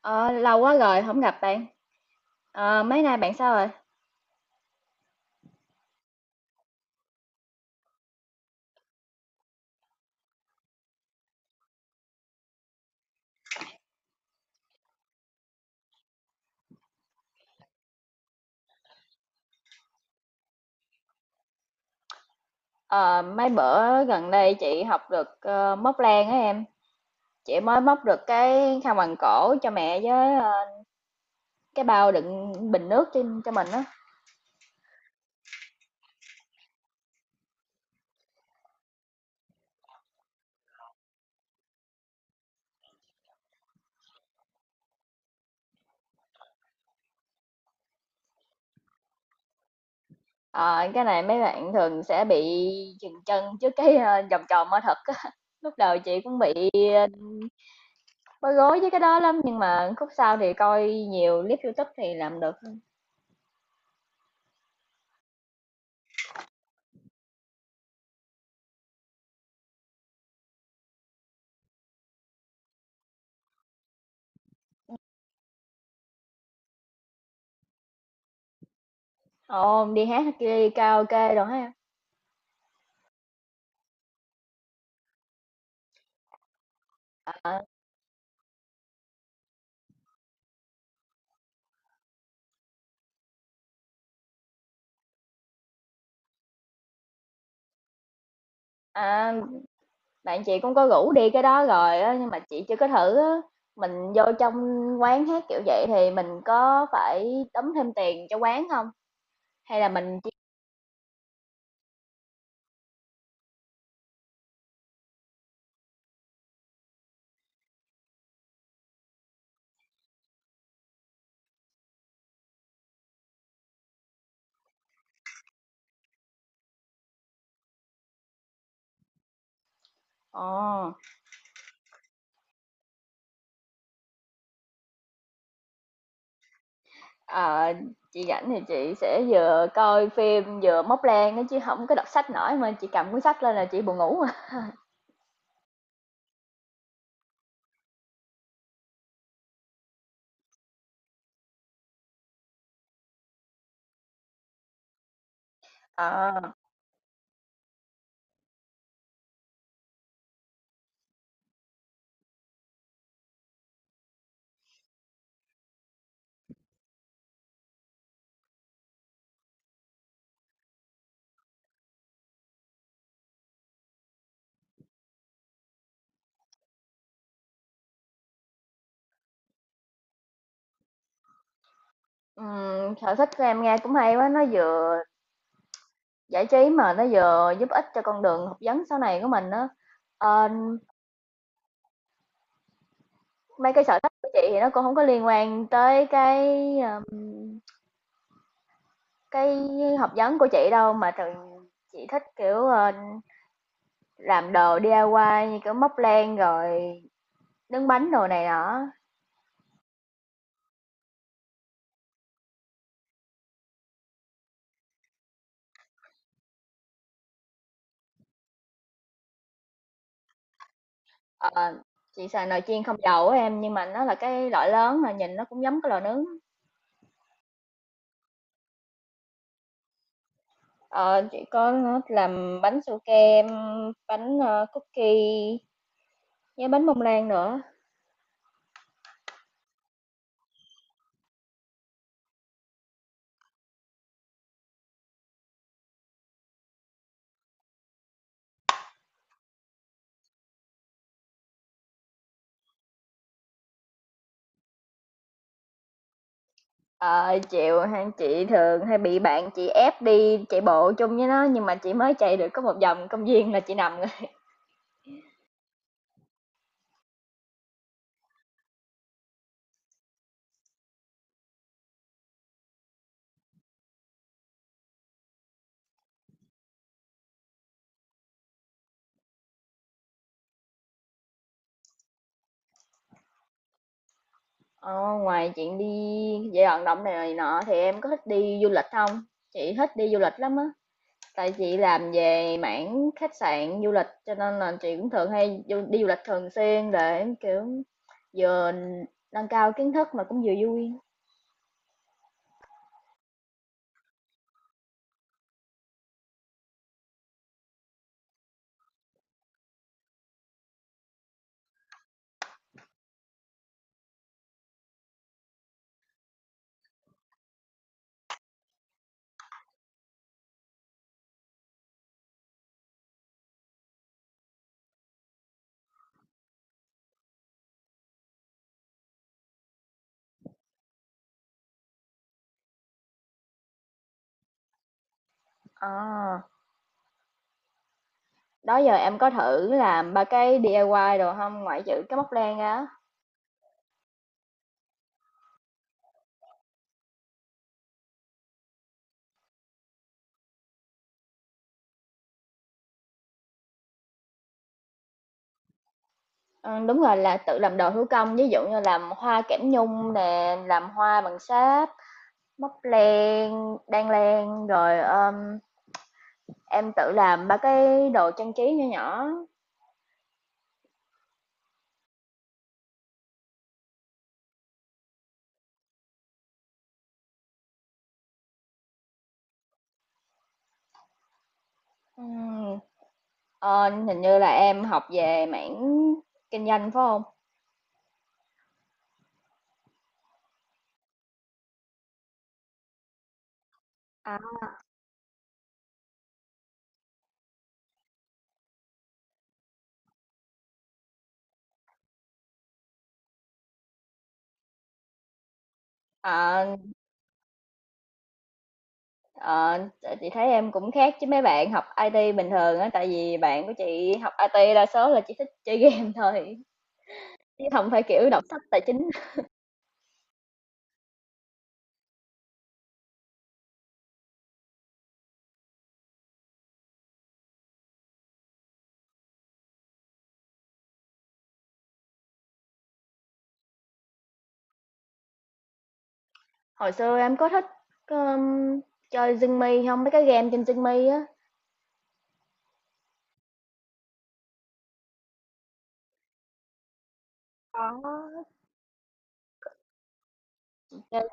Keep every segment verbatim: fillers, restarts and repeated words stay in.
Ờ, lâu quá rồi không gặp bạn. Ờ, mấy nay bạn sao rồi? Ờ, mấy bữa gần đây chị học được ờ, móc len á em. Chị mới móc được cái khăn quàng cổ cho mẹ với ờ, cái bao đựng bình nước trên cho mình á. Ờ, cái này mấy bạn thường sẽ bị chừng chân trước cái ờ, vòng tròn mở thật á. Lúc đầu chị cũng bị ờ, bối rối với cái đó lắm nhưng mà khúc sau thì coi nhiều clip YouTube thì làm được. Ồ, đi hát đi karaoke rồi hả em? À. Bạn chị cũng có rủ đi cái đó rồi á, nhưng mà chị chưa có thử á. Mình vô trong quán hát kiểu vậy thì mình có phải đóng thêm tiền cho quán không? Hay là mình chỉ. Ồ. Ờ, chị rảnh thì chị sẽ vừa coi phim vừa móc len á chứ không có đọc sách nổi mà chị cầm cuốn sách lên là chị buồn ngủ à. Ờ, ừm, sở thích của em nghe cũng hay quá, nó vừa giải trí mà nó vừa giúp ích cho con đường học vấn sau này của mình á. Ờ, mấy cái sở thích của chị thì nó cũng không có liên quan tới cái, ờm, cái học vấn của chị đâu, mà thường chị thích, kiểu, ờ, làm đồ đi ai quai như kiểu móc len rồi nướng bánh đồ này nọ. Ờ, chị xài nồi chiên không dầu á em, nhưng mà nó là cái loại lớn à, nhìn nó cũng giống cái lò nướng. Ờ, chị có làm bánh su kem, bánh, ơ, cookie với bánh bông lan nữa. Ờ, chịu ha, chị thường hay bị bạn chị ép đi chạy bộ chung với nó nhưng mà chị mới chạy được có một vòng công viên là chị nằm rồi. Ờ, ngoài chuyện đi dạy vận động này, này nọ thì em có thích đi du lịch không? Chị thích đi du lịch lắm á. Tại chị làm về mảng khách sạn du lịch cho nên là chị cũng thường hay du- đi du lịch thường xuyên để kiểu vừa nâng cao kiến thức mà cũng vừa vui. Ờ, đó giờ em có thử làm ba cái đê i i dài đồ không? Ngoại trừ cái móc len ra á. Ờ, đúng rồi, là tự làm đồ thủ công, ví dụ như làm hoa kẽm nhung nè, làm hoa bằng sáp, móc len, đan len, rồi, ờm, em tự làm ba cái đồ trang trí nhỏ nhỏ. Ừm, ờ, hình như là em học về mảng kinh doanh phải không? À. Ờ, ờ, chị thấy em cũng khác chứ mấy bạn học i tê bình thường á, tại vì bạn của chị học i tê đa số là chỉ thích chơi game thôi, chứ không phải kiểu đọc sách tài chính. Hồi xưa em có thích, ờm, chơi Zing-mi hông? Mấy cái game trên Zing-mi á. Có. Chơi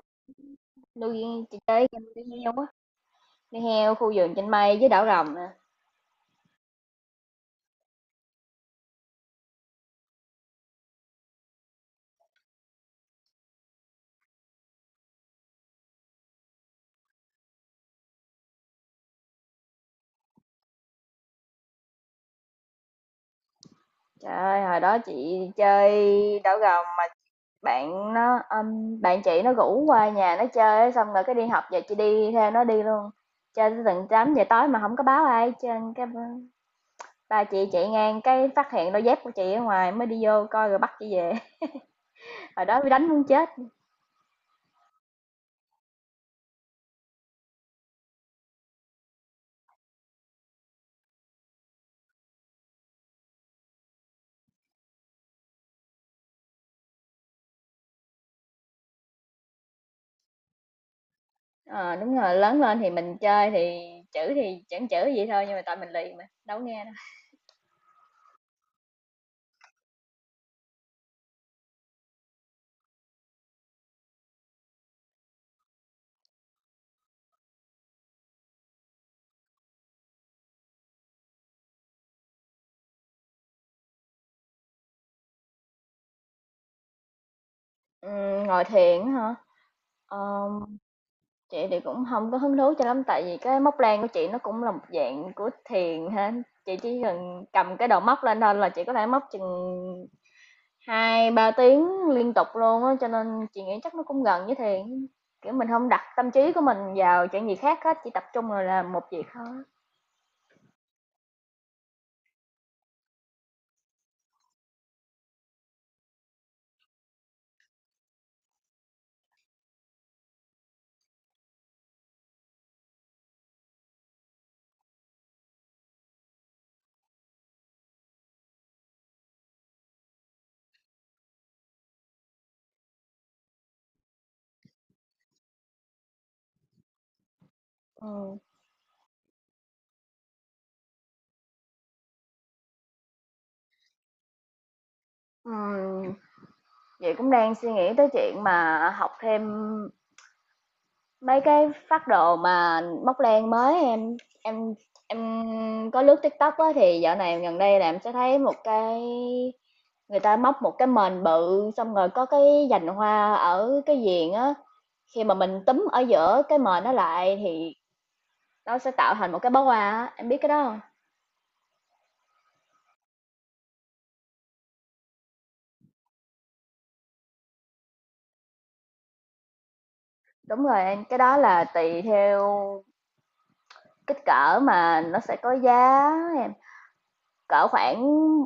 nuôi chị chơi game nuôi heo á, nuôi heo khu vườn trên mây với đảo rồng nè. Trời ơi, hồi đó chị chơi đảo rồng, bạn nó, ừm, bạn chị nó rủ qua nhà nó chơi xong rồi cái đi học về chị đi theo nó đi luôn. Chơi tới tận tám giờ tối mà không có báo ai hết cái ba chị chạy ngang cái phát hiện đôi dép của chị ở ngoài mới đi vô coi rồi bắt chị về. Hồi đó bị đánh muốn chết. Ờ, đúng rồi, lớn lên thì mình chơi thì chữ thì chẳng chữ gì thôi nhưng mà tại mình lì mà, đâu có nghe đâu. Ừm, ngồi thiền á hả? Ờm, chị thì cũng không có hứng thú cho lắm tại vì cái móc len của chị nó cũng là một dạng của thiền ha. Chị chỉ cần cầm cái đầu móc lên thôi là chị có thể móc chừng hai ba tiếng liên tục luôn á cho nên chị nghĩ chắc nó cũng gần với thiền. Kiểu mình không đặt tâm trí của mình vào chuyện gì khác hết, chỉ tập trung vào làm một việc thôi. Ừ. Ừ, chị cũng đang suy nghĩ tới chuyện mà học thêm mấy cái phác đồ mà móc len mới em em em có lướt TikTok á thì dạo này gần đây là em sẽ thấy một cái người ta móc một cái mền bự xong rồi có cái dành hoa ở cái viền á, khi mà mình túm ở giữa cái mền nó lại thì nó sẽ tạo thành một cái bó hoa á, em biết cái đó không? Đúng rồi em, cái đó là tùy theo kích cỡ mà nó sẽ có giá em. Cỡ khoảng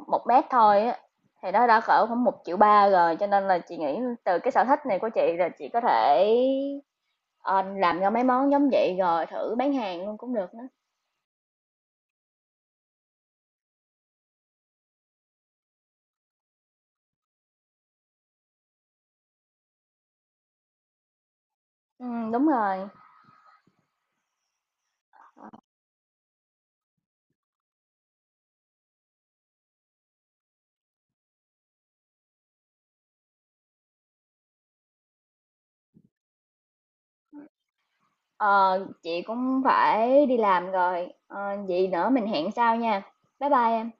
một mét thôi á, thì nó đã cỡ khoảng một triệu ba rồi, cho nên là chị nghĩ từ cái sở thích này của chị là chị có thể, ờ, làm ra mấy món giống vậy rồi thử bán hàng luôn cũng được nữa. Ừm, đúng rồi. Ờ, chị cũng phải đi làm rồi, ờ, vậy nữa mình hẹn sau nha. Bye bye em.